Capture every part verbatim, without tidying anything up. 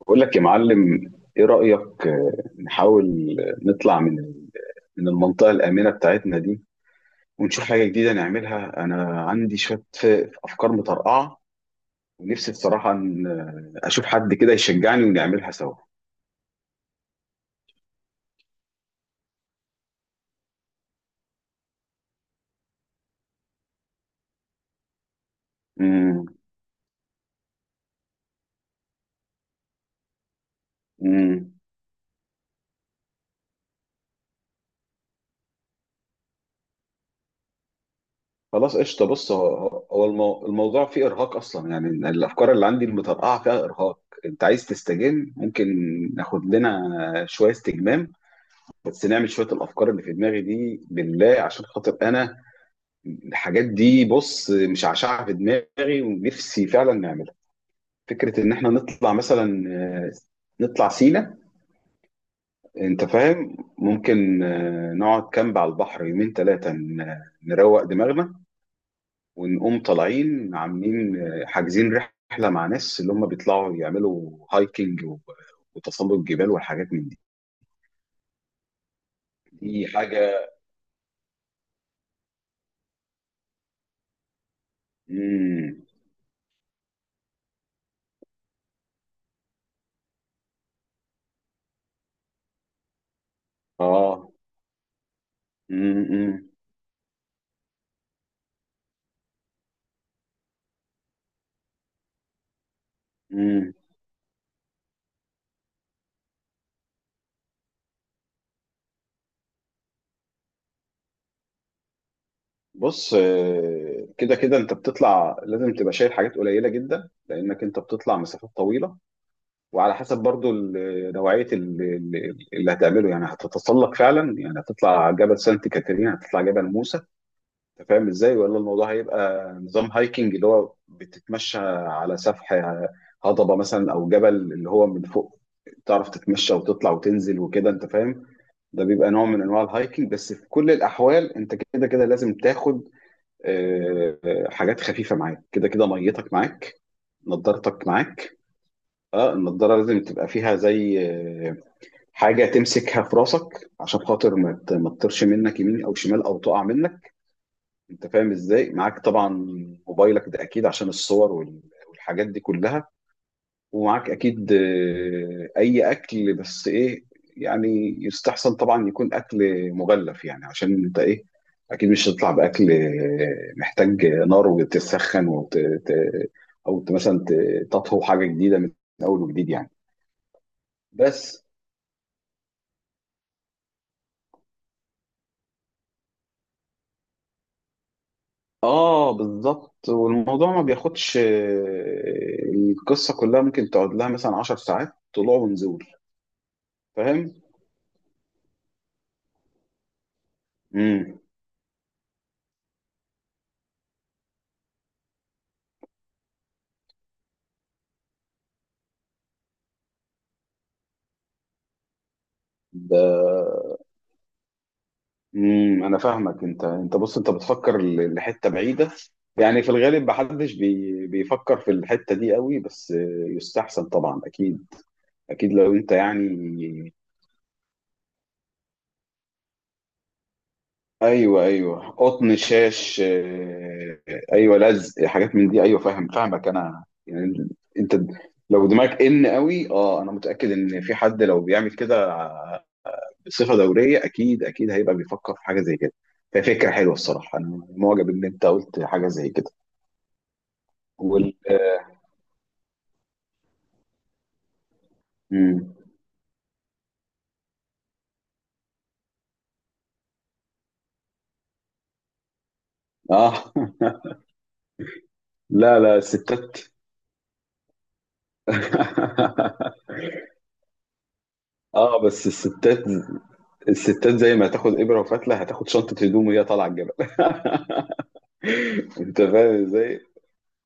بقول لك يا معلم ايه رأيك آه، نحاول نطلع من ال- من المنطقة الآمنة بتاعتنا دي، ونشوف حاجة جديدة نعملها. انا عندي شوية ف- افكار مطرقعة، ونفسي بصراحة ان آه، اشوف حد كده يشجعني ونعملها سوا. امم امم خلاص قشطة. بص، هو هو- هو المو- الموضوع فيه ارهاق اصلا، يعني الافكار اللي عندي المطرقعة فيها ارهاق. انت عايز تستجم، ممكن ناخد لنا شوية استجمام، بس نعمل شوية الافكار اللي في دماغي دي بالله عشان خاطر انا. الحاجات دي بص مشعشعة في دماغي ونفسي فعلا نعملها. فكرة إن إحنا نطلع مثلا، آه، نطلع سينا، أنت فاهم، ممكن آه، نقعد كامب على البحر يومين ثلاثة، نروق دماغنا، ونقوم طالعين عاملين، آه، حاجزين رحلة مع ناس اللي هم بيطلعوا يعملوا هايكنج و- وتسلق جبال والحاجات من دي. دي حاجة. مم. آه. مم. مم. بص، آه، كده كده انت بتطلع لازم تبقى شايل حاجات قليله جدا، لانك انت بتطلع مسافات طويله. وعلى حسب برضو ال- نوعيه ال- ال- اللي هتعمله. يعني هتتسلق فعلا، يعني هتطلع جبل سانت كاترين، هتطلع جبل موسى، انت فاهم ازاي؟ ولا الموضوع هيبقى نظام هايكنج، اللي هو بتتمشى على سفح هضبه مثلا او جبل، اللي هو من فوق تعرف تتمشى وتطلع وتنزل وكده، انت فاهم. ده بيبقى نوع من انواع الهايكنج. بس في كل الاحوال انت كده كده لازم تاخد آه، آه، حاجات خفيفة معاك. كده كده ميتك معاك، نضارتك معاك. اه، النضارة لازم تبقى فيها زي آه، حاجة تمسكها في راسك عشان خاطر ما ت- ما تطيرش منك يمين او شمال او تقع منك، انت فاهم ازاي؟ معاك طبعا موبايلك ده اكيد عشان الصور وال- والحاجات دي كلها. ومعاك اكيد آه، اي اكل، بس ايه يعني، يستحسن طبعا يكون اكل مغلف، يعني عشان انت ايه، اكيد مش هتطلع باكل آه، محتاج نار وتسخن وت... ت- او ت- مثلا ت- تطهو حاجه جديده من اول وجديد يعني. بس اه بالظبط. والموضوع ما بياخدش آه، القصه كلها ممكن تقعد لها مثلا عشر ساعات طلوع ونزول، فاهم. امم امم انا فاهمك. انت انت بص، انت بتفكر ل- لحته بعيده، يعني في الغالب محدش بي بيفكر في الحته دي قوي. بس يستحسن طبعا اكيد، اكيد لو انت يعني. ايوه ايوه، قطن، شاش، آه، ايوه، لزق، حاجات من دي، ايوه، فاهم، فاهمك انا يعني. انت لو دماغك ان قوي، اه انا متاكد ان في حد لو بيعمل كده بصفه دوريه اكيد اكيد هيبقى بيفكر في حاجه زي كده. ففكره حلوه الصراحه، انا معجب ان انت قلت حاجه زي كده. وال مم. اه. لا لا الستات. اه بس الستات، الستات زي ما هتاخد ابره وفتله هتاخد شنطه هدوم وهي طالعه الجبل. انت فاهم ازاي؟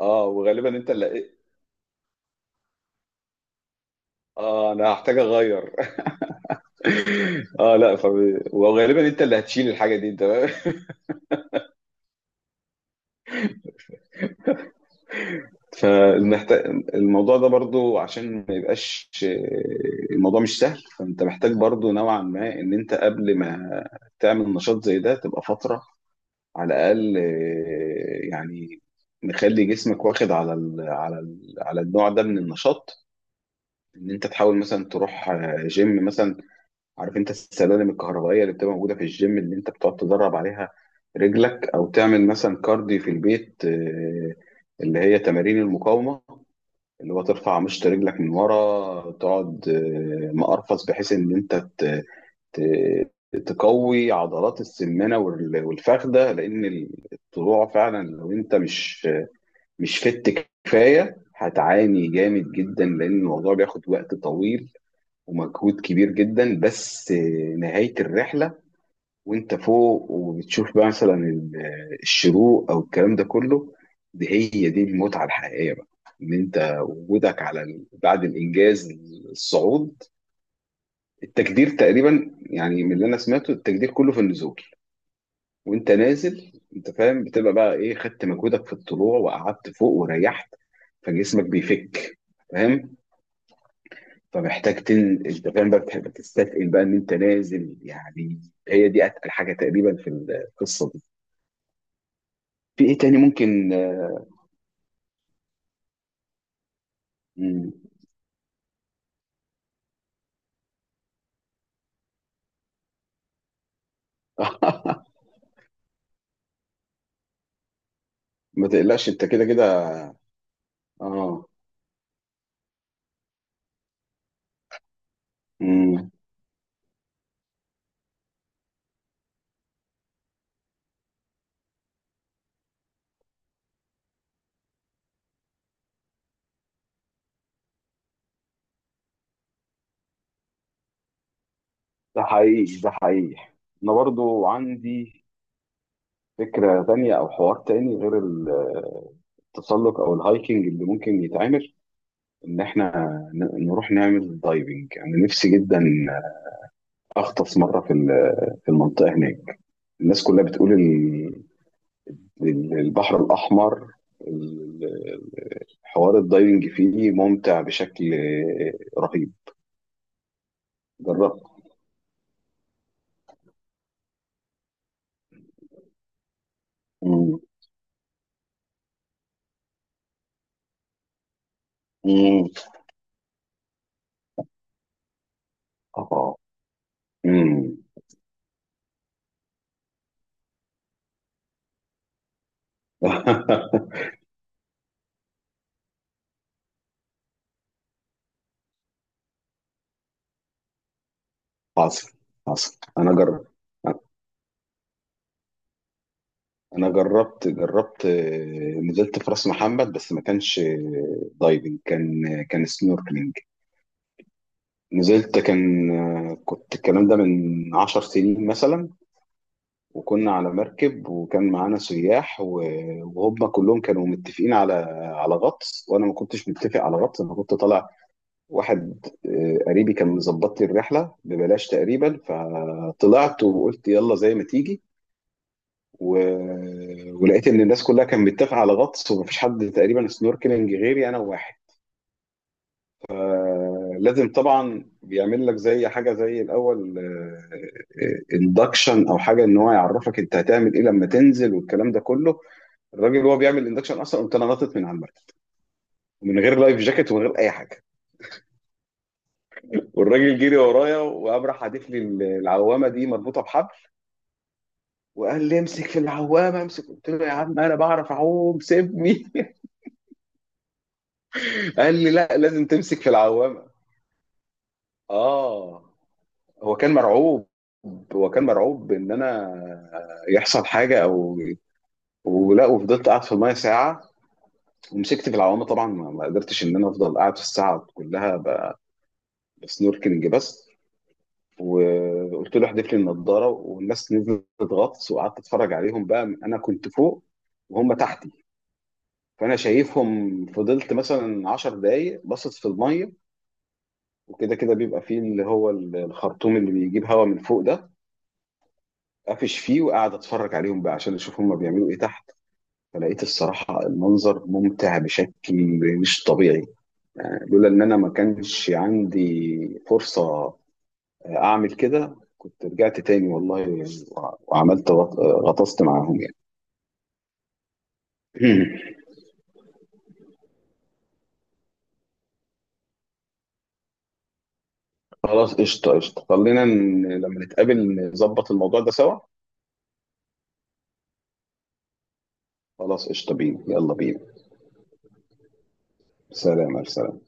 اه وغالبا انت اللي إيه؟ اه انا هحتاج اغير. اه لا ف... وغالبا انت اللي هتشيل الحاجه دي، انت فاهم؟ فالمحتاج الموضوع ده برضو عشان ما يبقاش. الموضوع مش سهل، فانت محتاج برضو نوعا ما ان انت قبل ما تعمل نشاط زي ده تبقى فتره على الاقل آه، يعني نخلي جسمك واخد على ال على ال على النوع ده من النشاط. ان انت تحاول مثلا تروح آه، جيم مثلا، عارف انت السلالم الكهربائيه اللي بتبقى موجوده في الجيم اللي انت بتقعد تدرب عليها رجلك، او تعمل مثلا كارديو في البيت، آه، اللي هي تمارين المقاومه، اللي هو ترفع مشط رجلك من ورا، تقعد آه، مقرفص بحيث ان انت ت- تقوي عضلات السمانه وال- والفخده. لان الطلوع فعلا لو انت مش مش فت كفايه هتعاني جامد جدا، لان الموضوع بياخد وقت طويل ومجهود كبير جدا. بس نهايه الرحله، وانت فوق وبتشوف بقى مثلا ال- الشروق او الكلام ده كله، دي هي دي المتعه الحقيقيه بقى، ان انت وجودك على ال- بعد الانجاز، الصعود. التجدير تقريبا يعني من اللي انا سمعته التجدير كله في النزول. وانت نازل انت فاهم بتبقى بقى ايه، خدت مجهودك في الطلوع وقعدت فوق وريحت، فجسمك بيفك، فاهم. فمحتاج تن، انت فاهم بقى، بتحب تستثقل بقى ان انت نازل يعني، هي دي اتقل حاجه تقريبا في القصه دي. في ايه تاني ممكن آه، مم. ما تقلقش انت كده كده. اه. مم. ده حقيقي ده حقيقي. انا برضو عندي فكره تانية او حوار تاني غير التسلق او الهايكنج اللي ممكن يتعمل، ان احنا ن- نروح نعمل دايفنج. انا نفسي جدا اغطس مره في ال- في المنطقه هناك. الناس كلها بتقول ال- ال- البحر الاحمر، ال- ال- حوار الدايفنج فيه ممتع بشكل رهيب. جربت. مم. مم. اه. مم. حصل. حصل انا جربت. انا جربت جربت آه، نزلت في راس محمد بس ما كانش آه، دايفنج، كان كان سنوركلينج. نزلت، كان آه، كنت، الكلام ده من عشر سنين مثلا، وكنا على مركب وكان معانا سياح و- وهم كلهم كانوا متفقين على على غطس، وانا ما كنتش متفق على غطس. انا كنت طالع، واحد آه، قريبي كان مظبط لي الرحله ببلاش تقريبا، فطلعت وقلت يلا زي ما تيجي. و... ولقيت ان الناس كلها كانت متفقه على غطس، ومفيش حد تقريبا سنوركلينج غيري انا. واحد لازم طبعا بيعمل لك زي حاجه زي الاول، اندكشن او حاجه، ان هو يعرفك انت هتعمل ايه لما تنزل والكلام ده كله. الراجل وهو بيعمل اندكشن اصلا قمت انا نطت من على المركب، ومن غير لايف جاكيت ومن غير اي حاجه. والراجل جري ورايا وقام راح حادف لي العوامه دي مربوطه بحبل، وقال لي امسك في العوامه امسك. قلت له يا عم انا بعرف اعوم سيبني. قال لي لا، لازم تمسك في العوامه. اه، هو كان مرعوب، هو كان مرعوب ان انا يحصل حاجه او ولا. وفضلت قاعد في المايه ساعه ومسكت في العوامه طبعا. ما ما قدرتش ان انا افضل قاعد في الساعه كلها ب- بسنوركلينج بس. وقلت له احذف لي النضاره، والناس نزلت غطس وقعدت اتفرج عليهم بقى. انا كنت فوق وهم تحتي، فانا شايفهم، فضلت مثلا عشر دقايق بصت في الميه. وكده كده بيبقى فيه اللي هو الخرطوم اللي بيجيب هواء من فوق ده، قافش فيه وقاعد اتفرج عليهم بقى عشان اشوف هم بيعملوا ايه تحت. فلقيت الصراحه المنظر ممتع بشكل مش طبيعي. لولا ان انا ما كانش عندي فرصة اعمل كده كنت رجعت تاني والله. وع- وعملت غط- غطست معاهم يعني. خلاص قشطة قشطة. خلينا ن- لما نتقابل نظبط الموضوع ده سوا. خلاص قشطة بينا. يلا بينا. سلام سلام.